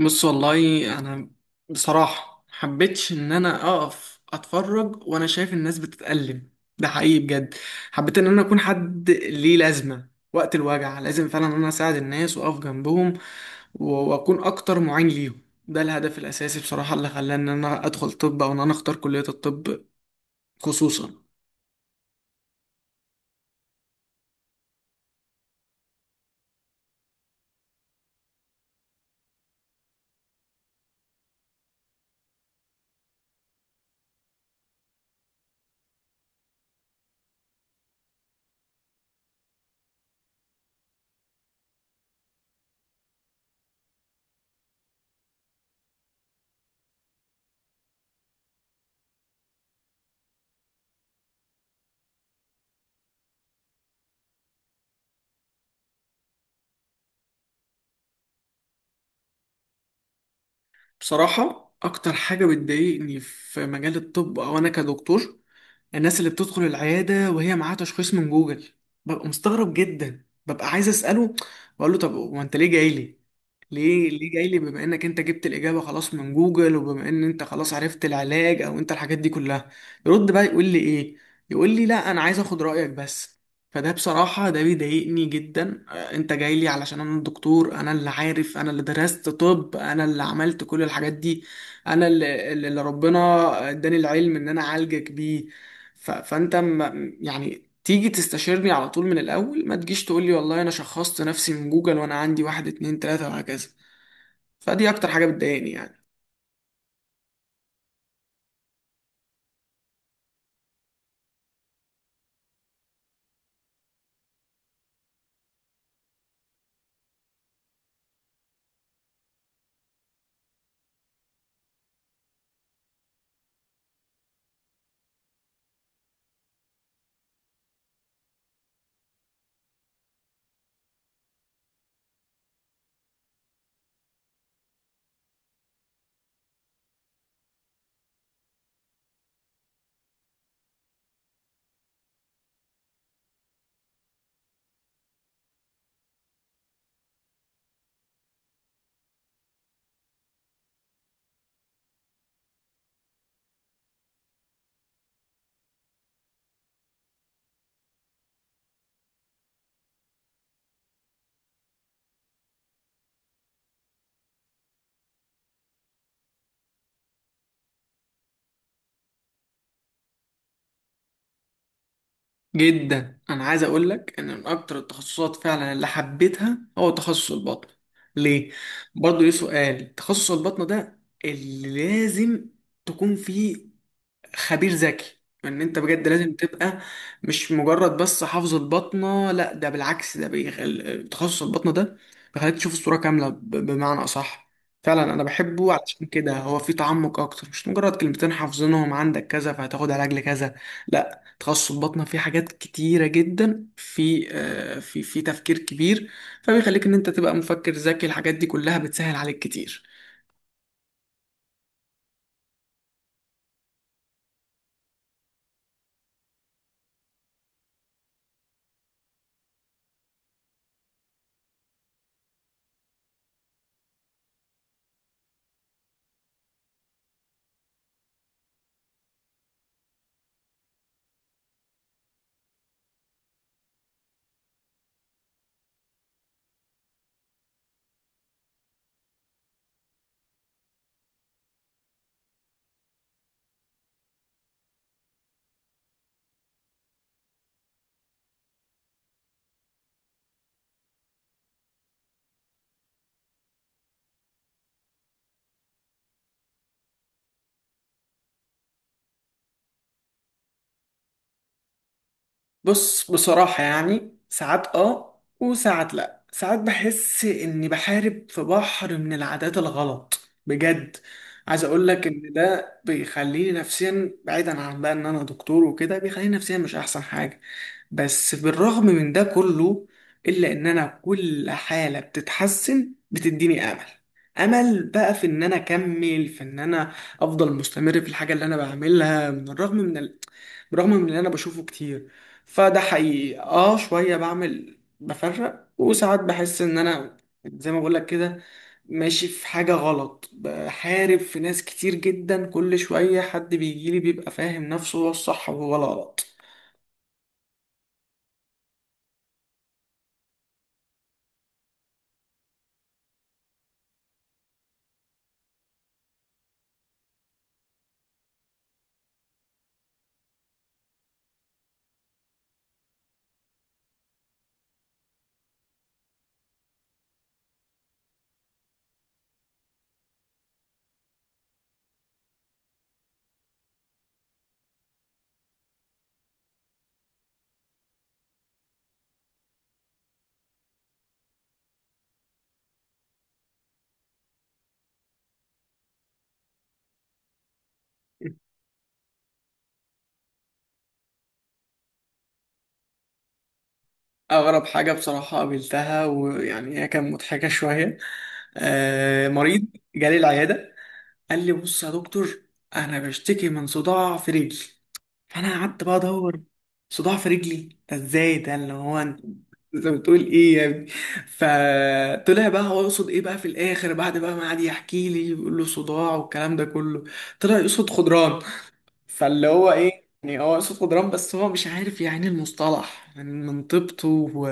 بص، والله انا بصراحه محبتش ان انا اقف اتفرج وانا شايف الناس بتتألم. ده حقيقي بجد. حبيت ان انا اكون حد ليه لازمه وقت الوجع، لازم فعلا ان انا اساعد الناس واقف جنبهم و- واكون اكتر معين ليهم. ده الهدف الاساسي بصراحه اللي خلاني ان انا ادخل طب او ان انا اختار كليه الطب خصوصا. بصراحه اكتر حاجه بتضايقني في مجال الطب او انا كدكتور، الناس اللي بتدخل العيادة وهي معاها تشخيص من جوجل. ببقى مستغرب جدا، ببقى عايز أسأله، بقول له طب هو أنت ليه جاي لي؟ ليه جاي لي بما إنك أنت جبت الإجابة خلاص من جوجل وبما إن أنت خلاص عرفت العلاج أو أنت الحاجات دي كلها؟ يرد بقى يقول لي إيه؟ يقول لي لا، أنا عايز أخد رأيك بس. فده بصراحة ده بيضايقني جدا. أنت جاي لي علشان أنا الدكتور، أنا اللي عارف، أنا اللي درست طب، أنا اللي عملت كل الحاجات دي، أنا اللي ربنا اداني العلم إن أنا أعالجك بيه. فانت يعني تيجي تستشيرني على طول من الاول، ما تجيش تقول لي والله انا شخصت نفسي من جوجل وانا عندي واحد اتنين تلاتة وهكذا. فدي اكتر حاجة بتضايقني يعني. جدا انا عايز اقول لك ان من اكتر التخصصات فعلا اللي حبيتها هو تخصص البطن. ليه؟ برضه ليه سؤال تخصص البطن ده؟ اللي لازم تكون فيه خبير ذكي، ان انت بجد لازم تبقى مش مجرد بس حافظ البطنه. لا، ده بالعكس، ده تخصص البطنه ده بيخليك تشوف الصوره كامله، بمعنى اصح. فعلا انا بحبه، علشان كده هو في تعمق اكتر مش مجرد كلمتين حافظينهم عندك كذا فهتاخد علاج لكذا. لا، تخصص البطنه فيه حاجات كتيره جدا، في في تفكير كبير. فبيخليك ان انت تبقى مفكر ذكي، الحاجات دي كلها بتسهل عليك كتير. بص، بصراحة يعني ساعات اه وساعات لا، ساعات بحس اني بحارب في بحر من العادات الغلط. بجد، عايز اقول لك ان ده بيخليني نفسيا بعيدا عن بقى ان انا دكتور وكده، بيخليني نفسيا مش احسن حاجة. بس بالرغم من ده كله، الا ان انا كل حالة بتتحسن بتديني امل. امل بقى في ان انا اكمل، في ان انا افضل مستمر في الحاجة اللي انا بعملها، من الرغم من بالرغم من اللي انا بشوفه كتير. فده حقيقي اه شوية بعمل بفرق، وساعات بحس ان انا زي ما بقولك كده ماشي في حاجة غلط، بحارب في ناس كتير جدا، كل شوية حد بيجيلي بيبقى فاهم نفسه هو الصح وهو الغلط. أغرب حاجة بصراحة قابلتها، ويعني هي كانت مضحكة شوية. مريض جالي العيادة، قال لي بص يا دكتور، انا بشتكي من صداع في رجلي. فانا قعدت بقى ادور، صداع في رجلي ده ازاي؟ ده اللي هو انت بتقول ايه يا ابني؟ فطلع بقى هو يقصد ايه بقى في الاخر، بعد بقى ما قعد يحكي لي يقول له صداع والكلام ده كله، طلع يقصد خضران. فاللي هو ايه يعني، هو صوت جدران بس هو مش عارف يعني المصطلح يعني من طيبته و...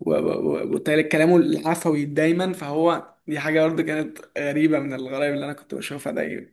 و... و... وكلامه العفوي دايما، فهو دي حاجة برضه كانت غريبة من الغرائب اللي أنا كنت بشوفها دايما.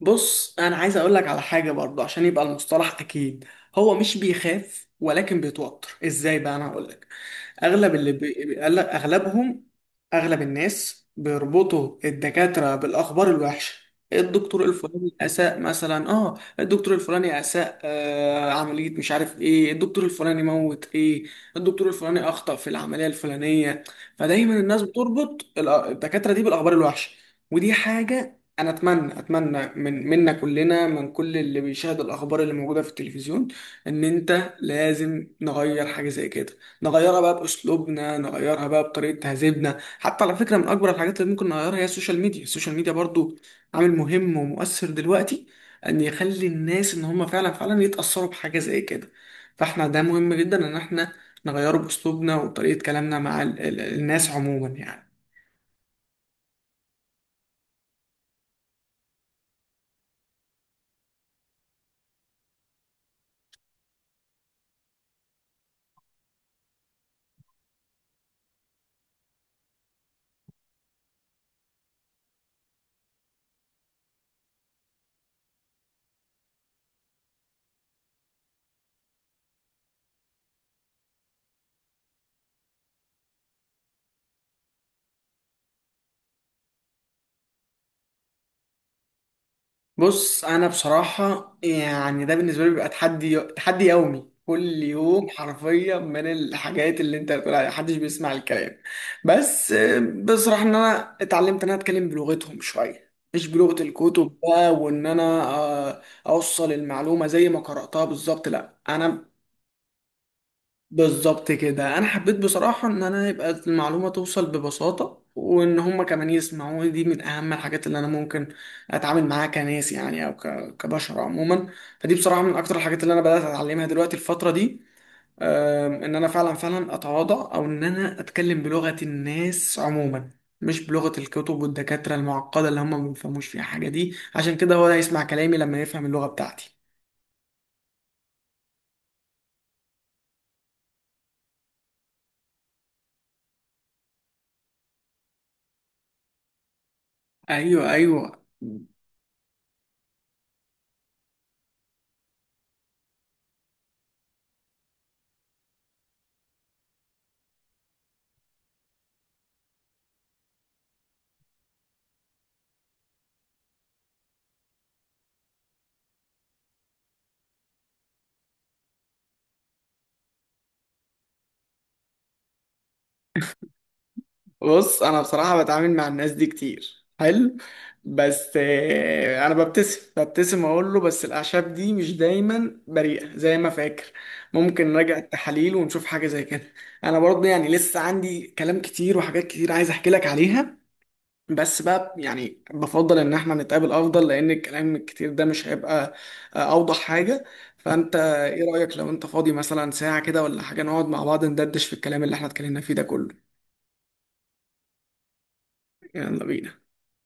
بص انا عايز اقول لك على حاجه برضه عشان يبقى المصطلح اكيد، هو مش بيخاف ولكن بيتوتر. ازاي بقى؟ انا هقول لك. اغلب اغلبهم، اغلب الناس بيربطوا الدكاتره بالاخبار الوحشه. الدكتور الفلاني اساء مثلا، اه الدكتور الفلاني اساء عمليه، مش عارف ايه، الدكتور الفلاني موت ايه، الدكتور الفلاني اخطا في العمليه الفلانيه. فدايما الناس بتربط الدكاتره دي بالاخبار الوحشه. ودي حاجه، انا اتمنى اتمنى من منا كلنا، من كل اللي بيشاهد الاخبار اللي موجوده في التلفزيون، ان انت لازم نغير حاجه زي كده. نغيرها بقى باسلوبنا، نغيرها بقى بطريقه تهذيبنا. حتى على فكره، من اكبر الحاجات اللي ممكن نغيرها هي السوشيال ميديا. السوشيال ميديا برضو عامل مهم ومؤثر دلوقتي، ان يخلي الناس ان هم فعلا فعلا يتاثروا بحاجه زي كده. فاحنا ده مهم جدا ان احنا نغيره باسلوبنا وطريقه كلامنا مع الناس عموما يعني. بص انا بصراحه يعني ده بالنسبه لي بيبقى تحدي، تحدي يومي كل يوم حرفيا، من الحاجات اللي انت بتقول عليها محدش بيسمع الكلام. بس بصراحه ان انا اتعلمت ان انا اتكلم بلغتهم شويه، مش بلغه الكتب بقى، وان انا اوصل المعلومه زي ما قراتها بالظبط، لا انا بالظبط كده، انا حبيت بصراحه ان انا يبقى المعلومه توصل ببساطه وان هم كمان يسمعوا. دي من اهم الحاجات اللي انا ممكن اتعامل معاها كناس يعني، او كبشر عموما. فدي بصراحه من اكتر الحاجات اللي انا بدات اتعلمها دلوقتي الفتره دي. ان انا فعلا فعلا اتواضع، او ان انا اتكلم بلغه الناس عموما، مش بلغه الكتب والدكاتره المعقده اللي هم ما بيفهموش فيها حاجه. دي عشان كده هو هيسمع كلامي لما يفهم اللغه بتاعتي. ايوه، ايوه. بص انا بصراحه بتعامل مع الناس دي كتير حلو. بس انا ببتسم ببتسم اقول له بس الاعشاب دي مش دايما بريئه زي ما فاكر، ممكن نراجع التحاليل ونشوف حاجه زي كده. انا برضه يعني لسه عندي كلام كتير وحاجات كتير عايز احكي لك عليها، بس بقى يعني بفضل ان احنا نتقابل افضل، لان الكلام الكتير ده مش هيبقى اوضح حاجه. فانت ايه رايك لو انت فاضي مثلا ساعه كده ولا حاجه، نقعد مع بعض ندردش في الكلام اللي احنا اتكلمنا فيه ده كله؟ يلا بينا.